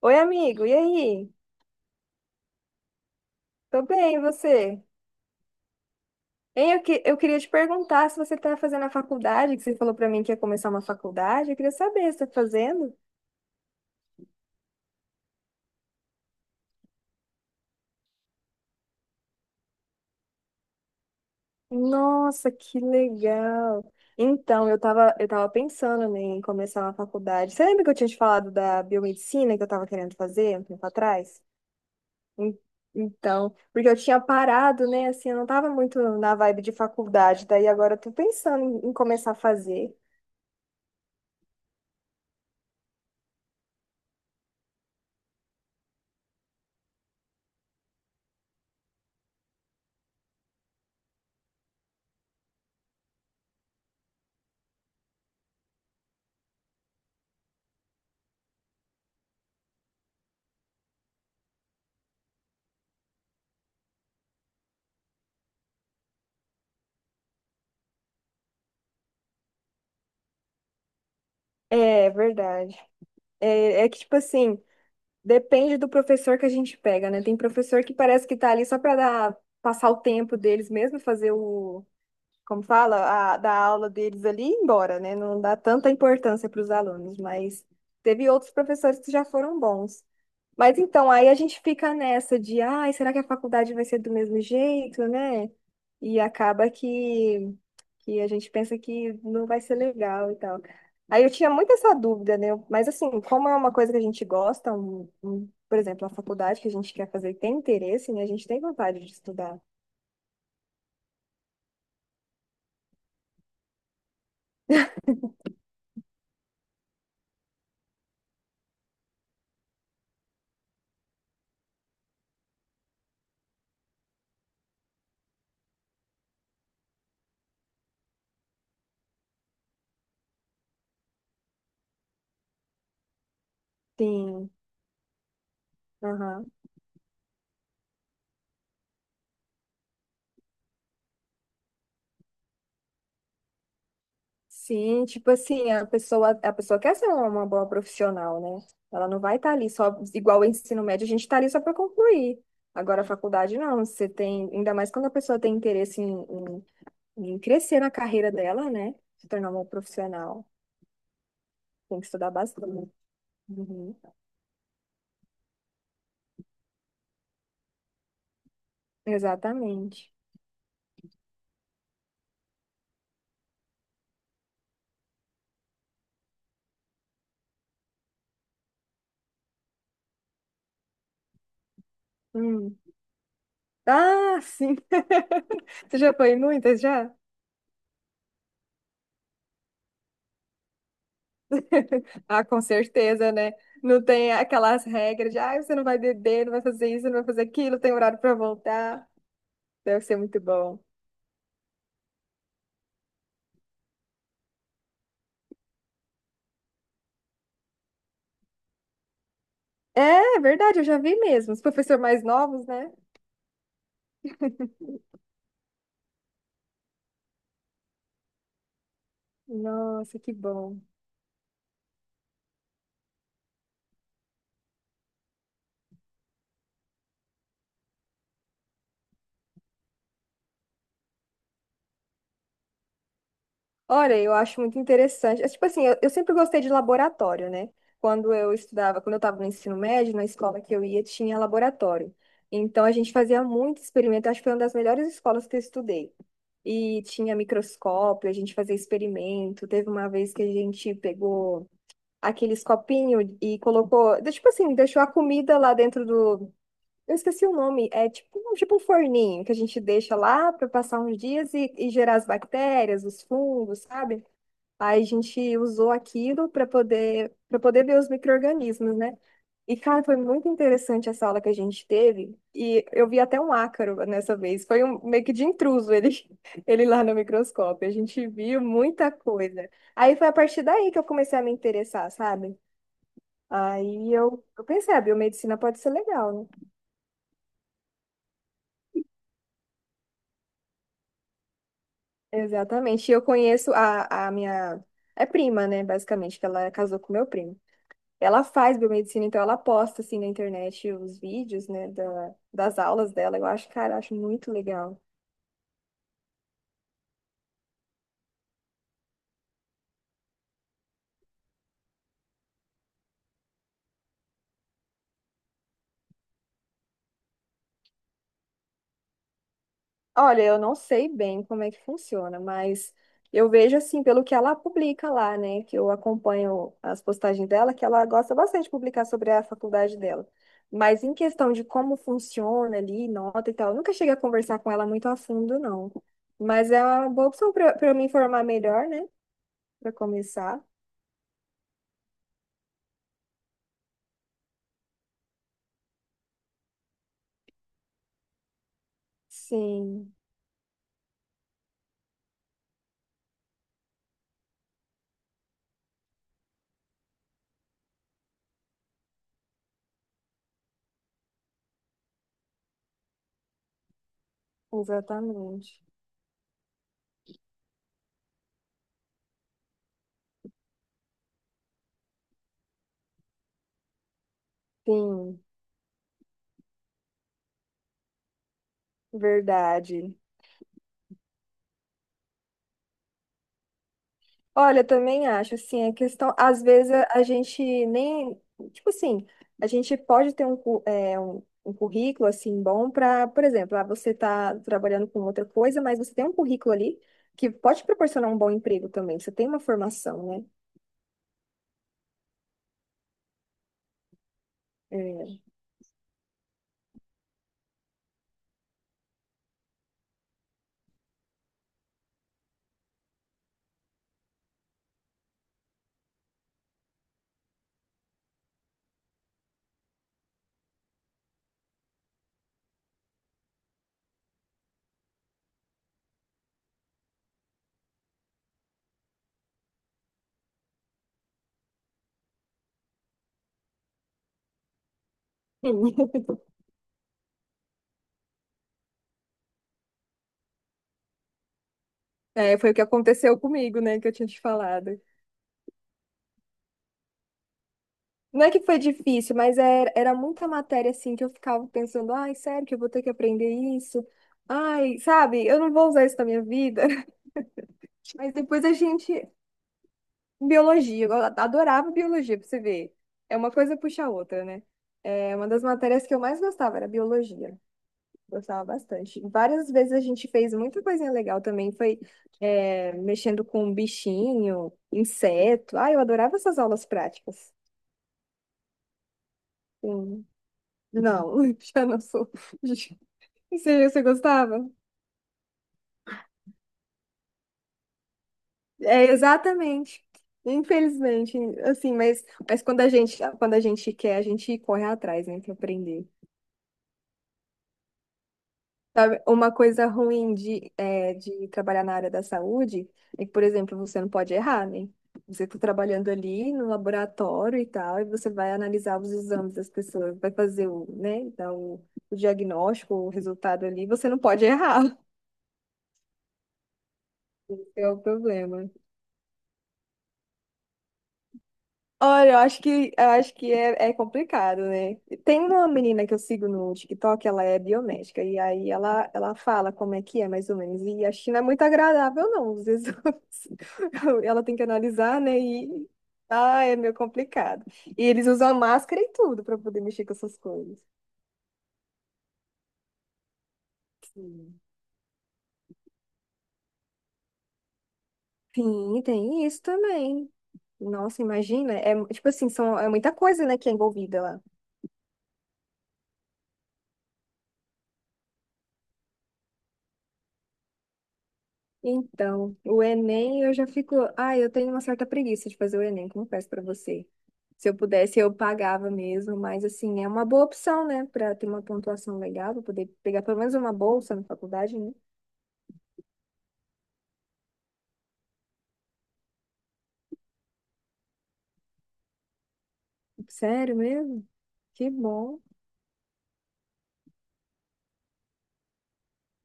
Oi, amigo, e aí? Tô bem, e você? Eu queria te perguntar se você tá fazendo a faculdade, que você falou pra mim que ia começar uma faculdade. Eu queria saber se tá fazendo. Nossa, que legal! Então, eu tava pensando, né, em começar uma faculdade. Você lembra que eu tinha te falado da biomedicina que eu tava querendo fazer um tempo atrás? En- Então, porque eu tinha parado, né? Assim, eu não tava muito na vibe de faculdade, daí agora eu tô pensando em começar a fazer. É, verdade. É que, tipo assim, depende do professor que a gente pega, né? Tem professor que parece que tá ali só pra dar, passar o tempo deles mesmo, fazer o, como fala, a, da aula deles ali e ir embora, né? Não dá tanta importância para os alunos, mas teve outros professores que já foram bons. Mas então, aí a gente fica nessa de, ai, será que a faculdade vai ser do mesmo jeito, né? E acaba que a gente pensa que não vai ser legal e tal. Aí eu tinha muito essa dúvida, né? Mas assim, como é uma coisa que a gente gosta, por exemplo, a faculdade que a gente quer fazer e tem interesse, né? A gente tem vontade de estudar. Sim. Aham. Sim, tipo assim, a pessoa quer ser uma boa profissional, né? Ela não vai estar ali só, igual o ensino médio, a gente está ali só para concluir. Agora, a faculdade não, você tem, ainda mais quando a pessoa tem interesse em em crescer na carreira dela, né? Se tornar uma profissional, tem que estudar bastante. Uhum. Exatamente. Hum. Ah, sim, você já foi em muitas já? Ah, com certeza, né? Não tem aquelas regras de, ah, você não vai beber, não vai fazer isso, não vai fazer aquilo, tem horário para voltar. Deve ser muito bom. É, é verdade, eu já vi mesmo. Os professores mais novos, né? Nossa, que bom. Olha, eu acho muito interessante. É, tipo assim, eu sempre gostei de laboratório, né? Quando eu estudava, quando eu estava no ensino médio, na escola que eu ia, tinha laboratório. Então, a gente fazia muito experimento. Acho que foi uma das melhores escolas que eu estudei. E tinha microscópio, a gente fazia experimento. Teve uma vez que a gente pegou aqueles copinhos e colocou, tipo assim, deixou a comida lá dentro do, eu esqueci o nome. É tipo, tipo um forninho que a gente deixa lá para passar uns dias e gerar as bactérias, os fungos, sabe? Aí a gente usou aquilo para poder ver os micro-organismos, né? E, cara, foi muito interessante essa aula que a gente teve. E eu vi até um ácaro nessa vez. Foi um meio que de intruso ele, ele lá no microscópio. A gente viu muita coisa. Aí foi a partir daí que eu comecei a me interessar, sabe? Aí eu pensei, a biomedicina pode ser legal, né? Exatamente. E eu conheço a minha. É prima, né? Basicamente, que ela casou com meu primo. Ela faz biomedicina, então ela posta assim na internet os vídeos, né, da, das aulas dela. Eu acho, cara, eu acho muito legal. Olha, eu não sei bem como é que funciona, mas eu vejo assim, pelo que ela publica lá, né? Que eu acompanho as postagens dela, que ela gosta bastante de publicar sobre a faculdade dela. Mas em questão de como funciona ali, nota e tal, eu nunca cheguei a conversar com ela muito a fundo, não. Mas é uma boa opção para eu me informar melhor, né? Para começar. Sim, exatamente. Sim, verdade. Olha, eu também acho, assim, a questão, às vezes a gente nem, tipo assim, a gente pode ter um currículo, assim, bom para, por exemplo, ah, você está trabalhando com outra coisa, mas você tem um currículo ali que pode proporcionar um bom emprego também, você tem uma formação, né? É. É, foi o que aconteceu comigo, né, que eu tinha te falado. Não é que foi difícil, mas era muita matéria, assim, que eu ficava pensando, ai, sério que eu vou ter que aprender isso? Ai, sabe, eu não vou usar isso na minha vida. Mas depois a gente. Biologia, eu adorava biologia, pra você ver. É uma coisa puxa a outra, né? É uma das matérias que eu mais gostava era biologia. Gostava bastante. Várias vezes a gente fez muita coisinha legal também. Foi é, mexendo com bichinho, inseto. Ah, eu adorava essas aulas práticas. Hum, Não, já não sou. Você, você gostava? É, exatamente. Infelizmente, assim, mas quando a gente quer, a gente corre atrás, né, para aprender. Sabe, uma coisa ruim de, é, de trabalhar na área da saúde é que, por exemplo, você não pode errar, né? Você está trabalhando ali no laboratório e tal, e você vai analisar os exames das pessoas, vai fazer o, né, dar o diagnóstico, o resultado ali, você não pode errar. Esse é o problema. Olha, eu acho que é, é complicado, né? Tem uma menina que eu sigo no TikTok, ela é biomédica, e aí ela fala como é que é, mais ou menos. E a China é muito agradável, não, os exames. Ela tem que analisar, né? E ah, é meio complicado. E eles usam máscara e tudo para poder mexer com essas coisas. Sim. Sim, tem isso também. Nossa, imagina. É, tipo assim, são, é muita coisa, né, que é envolvida lá. Então, o Enem, eu já fico. Ah, eu tenho uma certa preguiça de fazer o Enem, confesso pra você. Se eu pudesse, eu pagava mesmo, mas assim, é uma boa opção, né, pra ter uma pontuação legal, pra poder pegar pelo menos uma bolsa na faculdade, né? Sério mesmo? Que bom,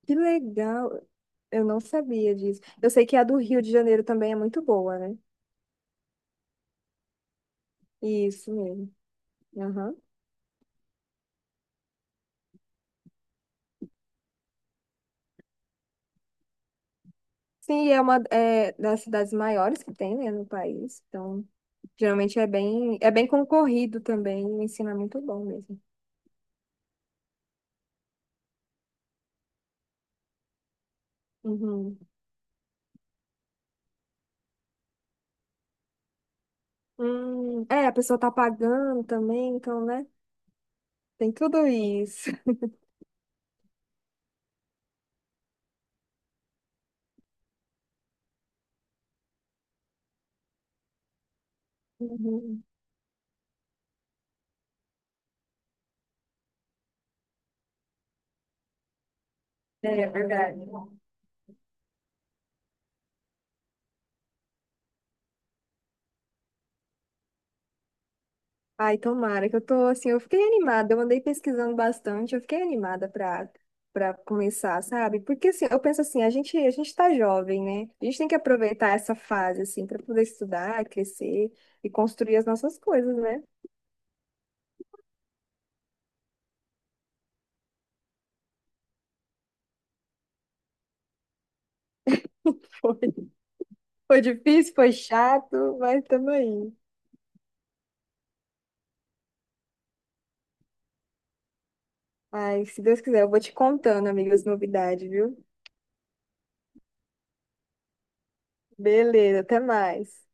que legal. Eu não sabia disso. Eu sei que a do Rio de Janeiro também é muito boa, né? Isso mesmo. Aham. Sim, é uma é, das cidades maiores que tem, né, no país. Então, geralmente é bem concorrido também, o ensino é muito bom mesmo. Uhum. É, a pessoa tá pagando também, então, né? Tem tudo isso. Uhum. É é verdade. Ai, tomara que eu tô assim, eu fiquei animada, eu andei pesquisando bastante, eu fiquei animada pra, pra começar, sabe? Porque assim, eu penso assim, a gente tá jovem, né? A gente tem que aproveitar essa fase, assim, pra poder estudar, crescer e construir as nossas coisas, né? Foi, foi difícil, foi chato, mas tamo aí. Ai, se Deus quiser, eu vou te contando, amiga, as novidades, viu? Beleza, até mais.